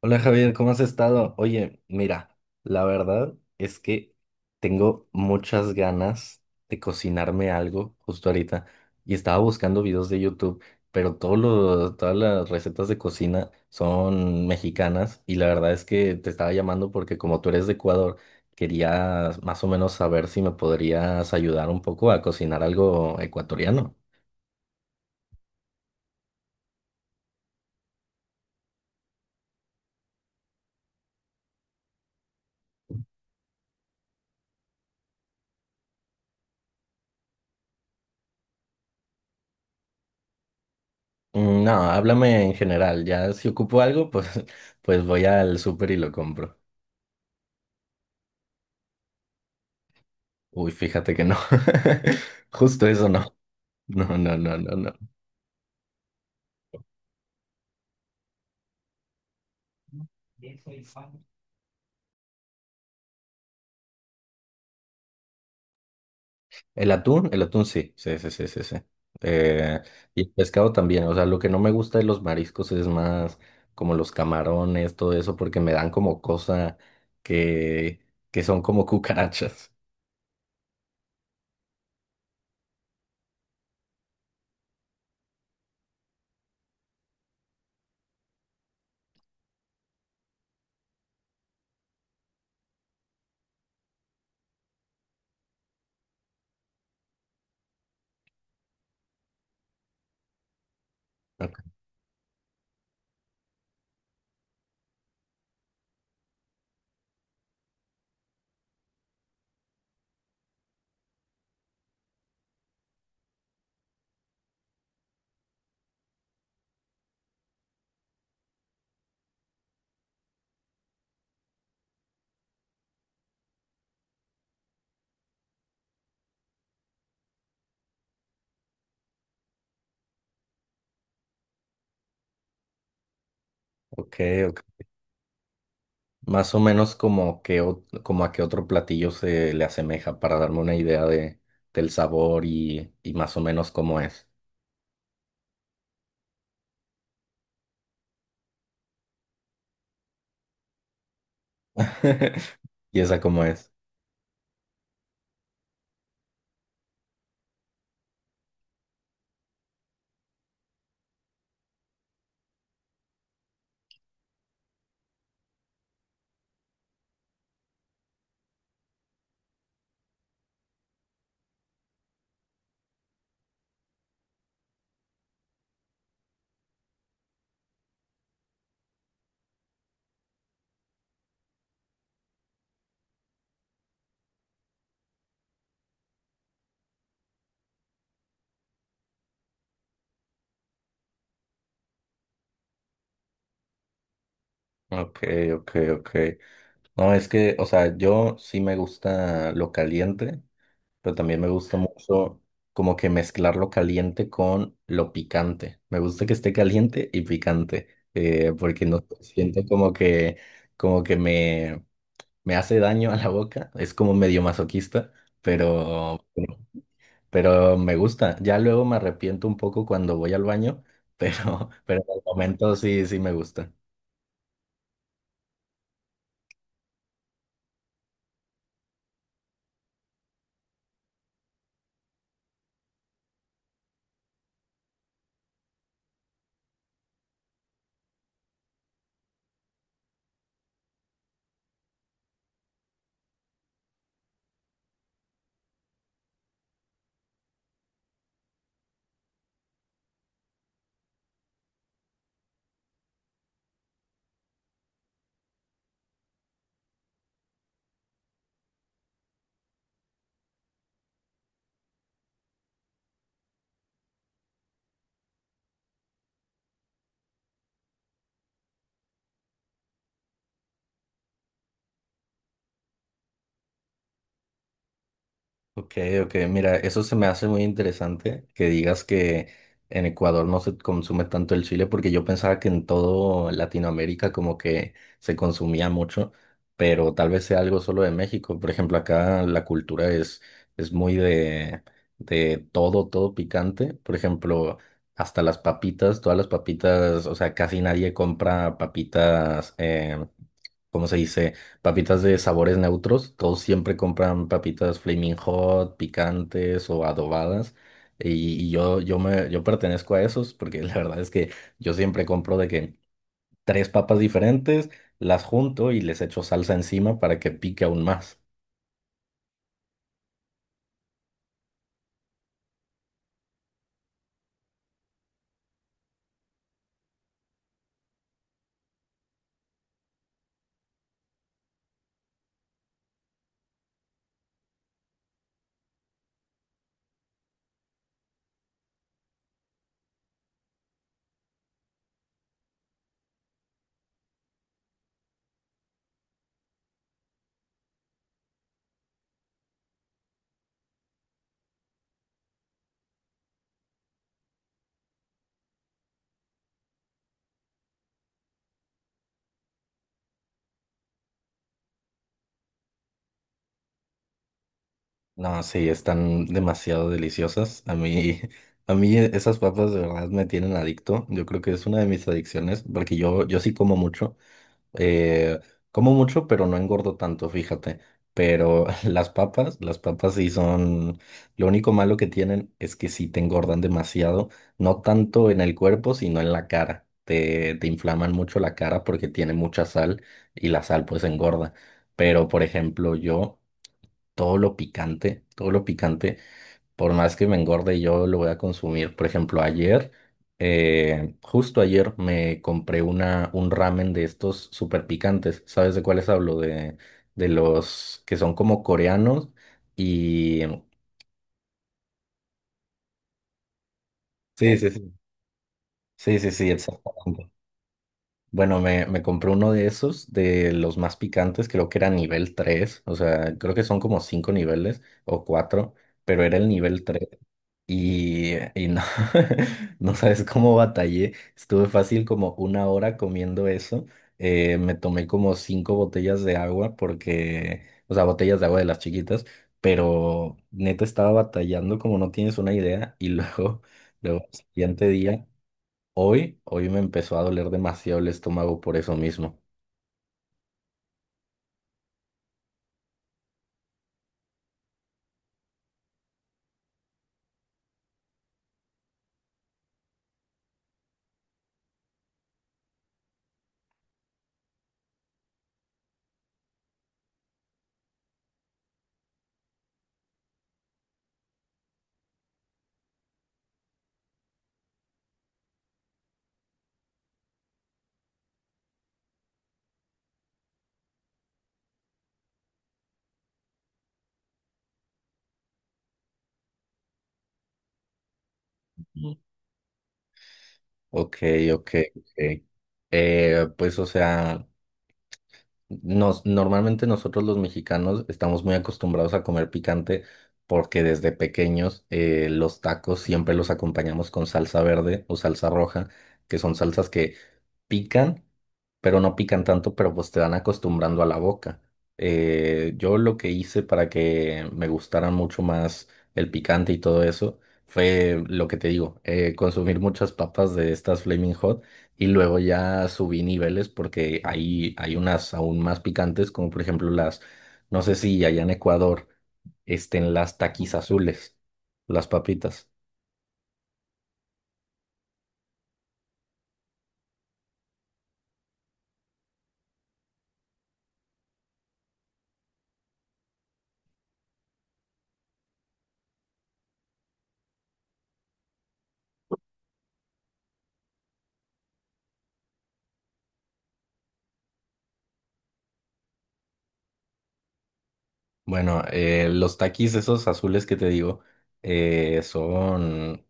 Hola Javier, ¿cómo has estado? Oye, mira, la verdad es que tengo muchas ganas de cocinarme algo justo ahorita y estaba buscando videos de YouTube, pero todas las recetas de cocina son mexicanas y la verdad es que te estaba llamando porque como tú eres de Ecuador, quería más o menos saber si me podrías ayudar un poco a cocinar algo ecuatoriano. Mm, no, háblame en general, ya si ocupo algo, pues, pues voy al súper y lo compro. Uy, fíjate que no. Justo eso no. No, no, no, no, no. El atún, el atún, sí, sí, sí, sí, sí, sí. Eh, y el pescado también, o sea, lo que no me gusta de los mariscos es más como los camarones, todo eso, porque me dan como cosa que, que son como cucarachas. Ok, ok, ok. Más o menos como, como a qué otro platillo se le asemeja para darme una idea del sabor y más o menos cómo es. ¿Y esa cómo es? Ok, ok, ok. No, es que, o sea, yo sí me gusta lo caliente, pero también me gusta mucho como que mezclar lo caliente con lo picante. Me gusta que esté caliente y picante, porque no sé, siento como que me hace daño a la boca. Es como medio masoquista, pero, pero me gusta. Ya luego me arrepiento un poco cuando voy al baño, pero en el momento sí, sí me gusta. Ok, ok, mira, eso se me hace muy interesante que digas que en Ecuador no se consume tanto el chile, porque yo pensaba que en todo Latinoamérica como que se consumía mucho, pero tal vez sea algo solo de México. Por ejemplo, acá la cultura es muy de todo, todo picante. Por ejemplo, hasta las papitas, todas las papitas, o sea, casi nadie compra papitas. ¿Cómo se dice? Papitas de sabores neutros, todos siempre compran papitas Flaming Hot, picantes o adobadas. Y yo pertenezco a esos porque la verdad es que yo siempre compro de que tres papas diferentes, las junto y les echo salsa encima para que pique aún más. No, sí, están demasiado deliciosas. A mí, a mí esas papas de verdad me tienen adicto. Yo creo que es una de mis adicciones porque yo sí como mucho. Eh, Como mucho, pero no engordo tanto, fíjate. Pero las papas sí son... Lo único malo que tienen es que sí te engordan demasiado, no tanto en el cuerpo, sino en la cara. Te inflaman mucho la cara porque tiene mucha sal y la sal pues engorda. Pero, por ejemplo, yo, todo lo picante, todo lo picante. Por más que me engorde, yo lo voy a consumir. Por ejemplo, ayer, justo ayer me compré un ramen de estos súper picantes. ¿Sabes de cuáles hablo? De los que son como coreanos y... Sí, sí, sí. Sí, sí, sí, exactamente. Bueno, me compré uno de esos, de los más picantes, creo que era nivel 3. O sea, creo que son como 5 niveles o 4, pero era el nivel 3. Y no, no sabes cómo batallé. Estuve fácil como una hora comiendo eso. Me tomé como cinco botellas de agua porque, o sea, botellas de agua de las chiquitas, pero neta estaba batallando como no tienes una idea. Y luego, luego, el siguiente día, hoy me empezó a doler demasiado el estómago por eso mismo. Ujú. Ok, ok, ok. Pues, o sea. Normalmente nosotros los mexicanos estamos muy acostumbrados a comer picante porque desde pequeños los tacos siempre los acompañamos con salsa verde o salsa roja, que son salsas que pican, pero no pican tanto, pero pues te van acostumbrando a la boca. Yo lo que hice para que me gustara mucho más el picante y todo eso fue lo que te digo, consumir muchas papas de estas Flaming Hot y luego ya subí niveles porque ahí hay unas aún más picantes, como por ejemplo las, no sé si allá en Ecuador estén las taquis azules, las papitas. Bueno, los taquis esos azules que te digo eh, son,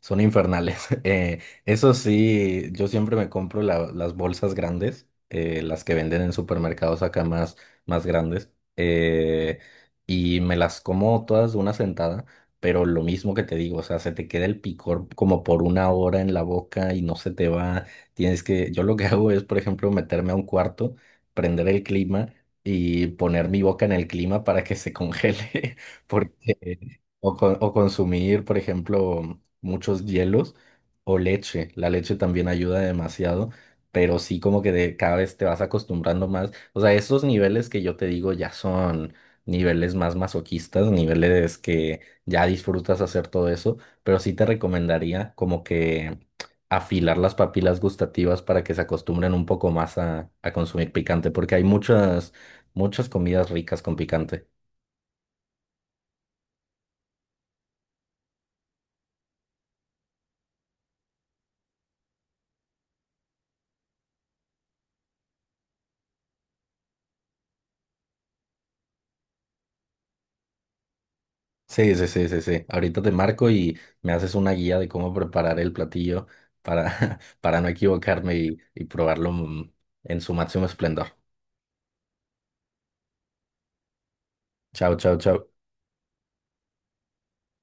son infernales. Eso sí, yo siempre me compro las bolsas grandes, las que venden en supermercados acá más grandes, y me las como todas de una sentada, pero lo mismo que te digo, o sea, se te queda el picor como por una hora en la boca y no se te va. Tienes que, yo lo que hago es, por ejemplo, meterme a un cuarto, prender el clima y poner mi boca en el clima para que se congele, porque, o consumir, por ejemplo, muchos hielos o leche. La leche también ayuda demasiado, pero sí como que de, cada vez te vas acostumbrando más. O sea, esos niveles que yo te digo ya son niveles más masoquistas, niveles que ya disfrutas hacer todo eso, pero sí te recomendaría como que afilar las papilas gustativas para que se acostumbren un poco más a consumir picante, porque hay muchas comidas ricas con picante. Sí, sí, sí, sí, sí. Ahorita te marco y me haces una guía de cómo preparar el platillo para, para no equivocarme y probarlo en su máximo esplendor. Chao, chao, chao.